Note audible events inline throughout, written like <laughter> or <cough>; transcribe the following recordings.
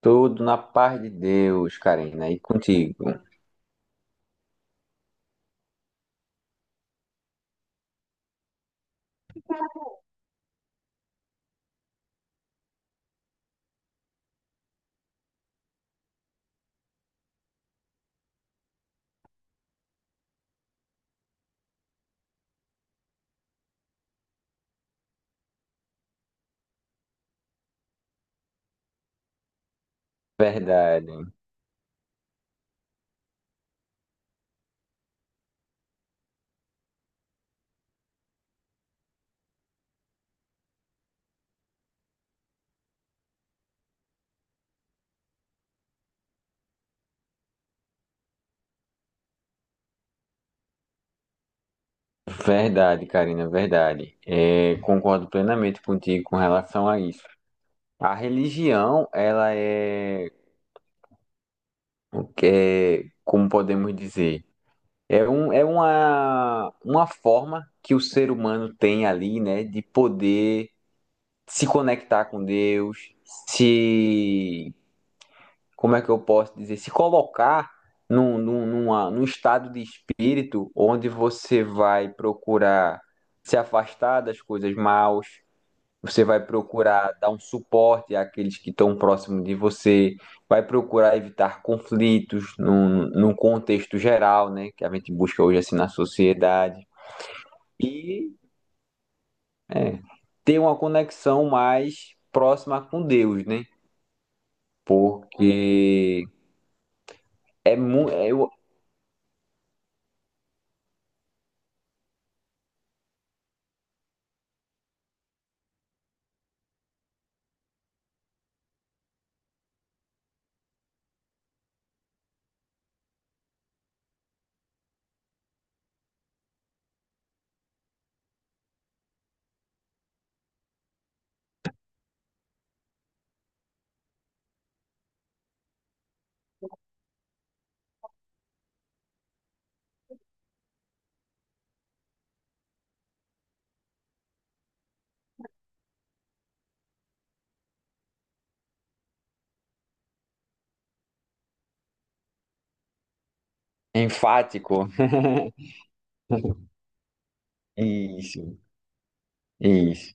Tudo na paz de Deus, Karina, e contigo. Verdade, verdade, Karina, verdade. É, concordo plenamente contigo com relação a isso. A religião, o que é, como podemos dizer, é uma forma que o ser humano tem ali, né, de poder se conectar com Deus, se como é que eu posso dizer, se colocar num estado de espírito onde você vai procurar se afastar das coisas maus, você vai procurar dar um suporte àqueles que estão próximos de você, vai procurar evitar conflitos num contexto geral, né, que a gente busca hoje assim na sociedade, e é, ter uma conexão mais próxima com Deus, né? Porque é muito, Enfático. <laughs> Isso, isso.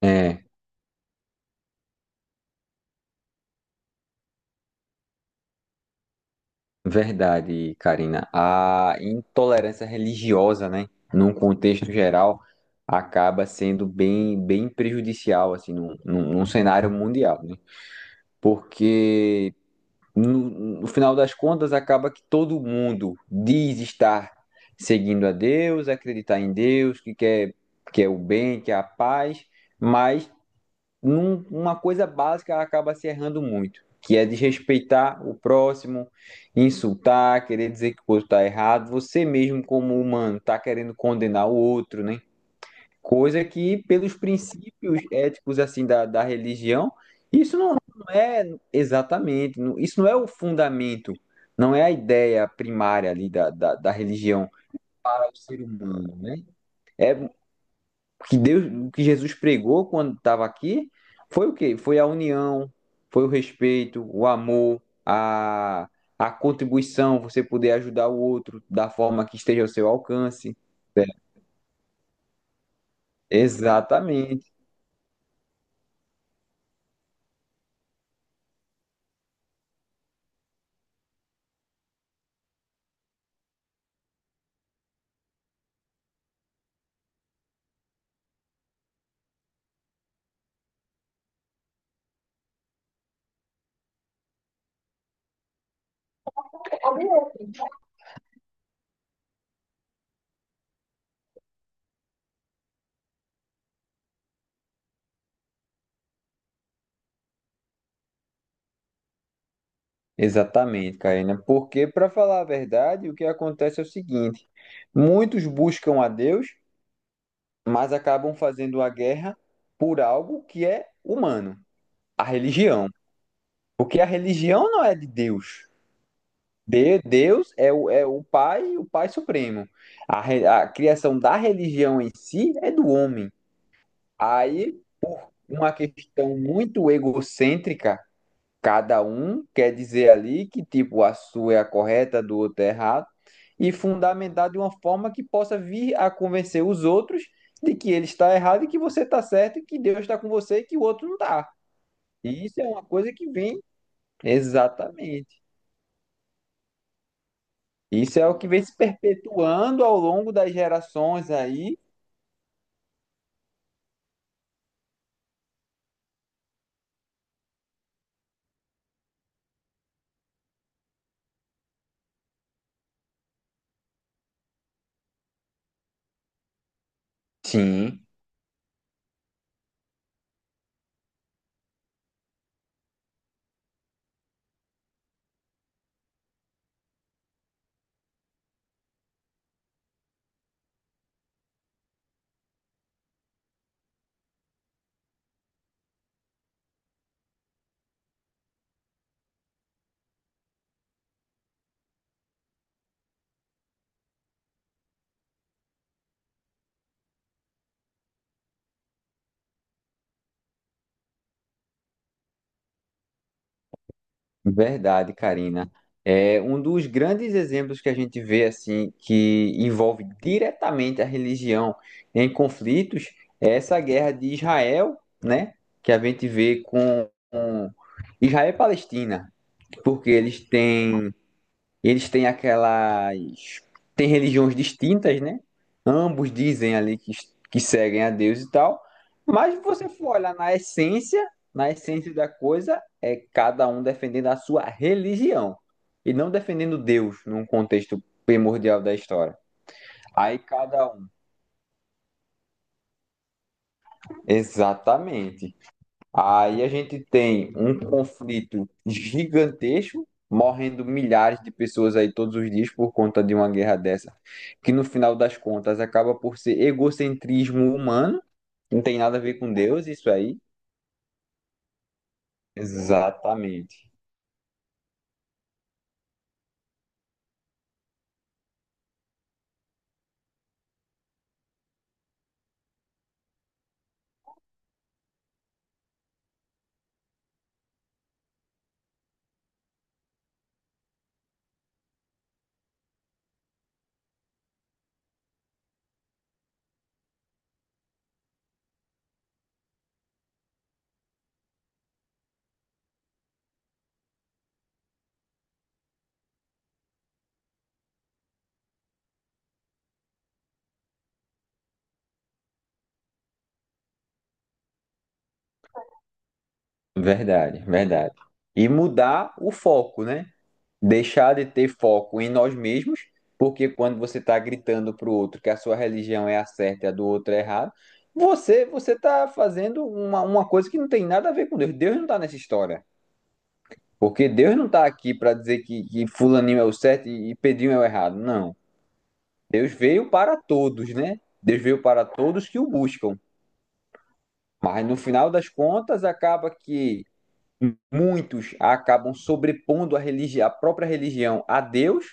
É verdade, Karina. A intolerância religiosa, né, num contexto geral, acaba sendo bem prejudicial, assim, num cenário mundial, né? Porque, no final das contas, acaba que todo mundo diz estar seguindo a Deus, acreditar em Deus, quer o bem, quer a paz, mas num- uma coisa básica acaba se errando muito, que é desrespeitar o próximo, insultar, querer dizer que o outro está errado, você mesmo como humano está querendo condenar o outro, né? Coisa que pelos princípios éticos assim da religião, isso não, não é isso não é o fundamento, não é a ideia primária ali da religião para o ser humano, né? É que Deus, o que Jesus pregou quando estava aqui foi o quê? Foi a união, foi o respeito, o amor, a contribuição, você poder ajudar o outro da forma que esteja ao seu alcance. É, Exatamente, exatamente, Karina. Porque, para falar a verdade, o que acontece é o seguinte: muitos buscam a Deus, mas acabam fazendo a guerra por algo que é humano, a religião. Porque a religião não é de Deus. De- Deus é o Pai, o Pai Supremo. A, re- a criação da religião em si é do homem. Aí, por uma questão muito egocêntrica, cada um quer dizer ali que, tipo, a sua é a correta, a do outro é errado, e fundamentar de uma forma que possa vir a convencer os outros de que ele está errado e que você está certo, e que Deus está com você e que o outro não está. E isso é uma coisa que vem exatamente. Isso é o que vem se perpetuando ao longo das gerações aí. Sim, verdade, Karina. É um dos grandes exemplos que a gente vê assim que envolve diretamente a religião em conflitos é essa guerra de Israel, né? Que a gente vê com Israel e Palestina, porque Eles têm aquelas. Têm religiões distintas, né? Ambos dizem ali que seguem a Deus e tal. Mas se você for olhar na essência da coisa, é cada um defendendo a sua religião. E não defendendo Deus num contexto primordial da história. Aí cada um. Exatamente. Aí a gente tem um conflito gigantesco, morrendo milhares de pessoas aí todos os dias por conta de uma guerra dessa, que no final das contas acaba por ser egocentrismo humano, não tem nada a ver com Deus isso aí. Exatamente. Verdade, verdade. E mudar o foco, né? Deixar de ter foco em nós mesmos, porque quando você está gritando para o outro que a sua religião é a certa e a do outro é errada, você está fazendo uma coisa que não tem nada a ver com Deus. Deus não está nessa história. Porque Deus não está aqui para dizer que fulaninho é o certo e pedrinho é o errado. Não. Deus veio para todos, né? Deus veio para todos que o buscam. Mas no final das contas, acaba que muitos acabam sobrepondo a própria religião a Deus,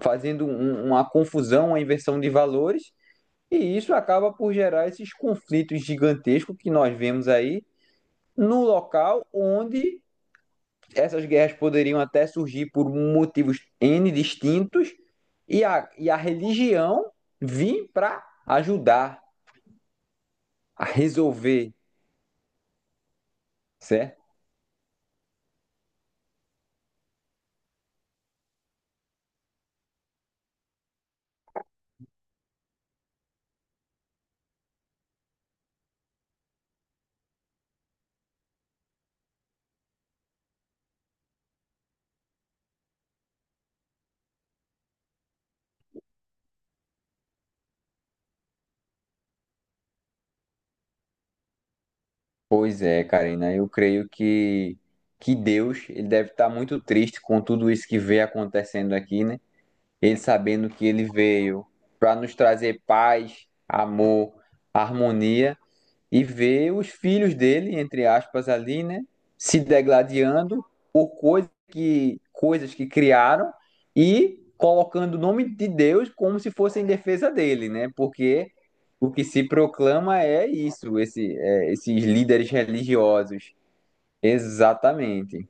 fazendo uma confusão, uma inversão de valores, e isso acaba por gerar esses conflitos gigantescos que nós vemos aí no local onde essas guerras poderiam até surgir por motivos N distintos e a religião vir para ajudar a resolver, certo? Pois é, Karina, que Deus ele deve estar muito triste com tudo isso que vê acontecendo aqui, né? Ele sabendo que ele veio para nos trazer paz, amor, harmonia e ver os filhos dele, entre aspas, ali, né, se degladiando por coisas que criaram e colocando o nome de Deus como se fosse em defesa dele, né? Porque o que se proclama é esses líderes religiosos. Exatamente.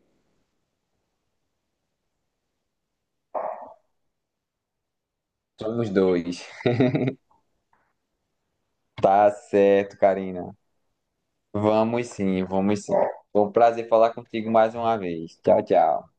Somos dois. Tá certo, Karina. Vamos sim, vamos sim. Foi um prazer falar contigo mais uma vez. Tchau, tchau.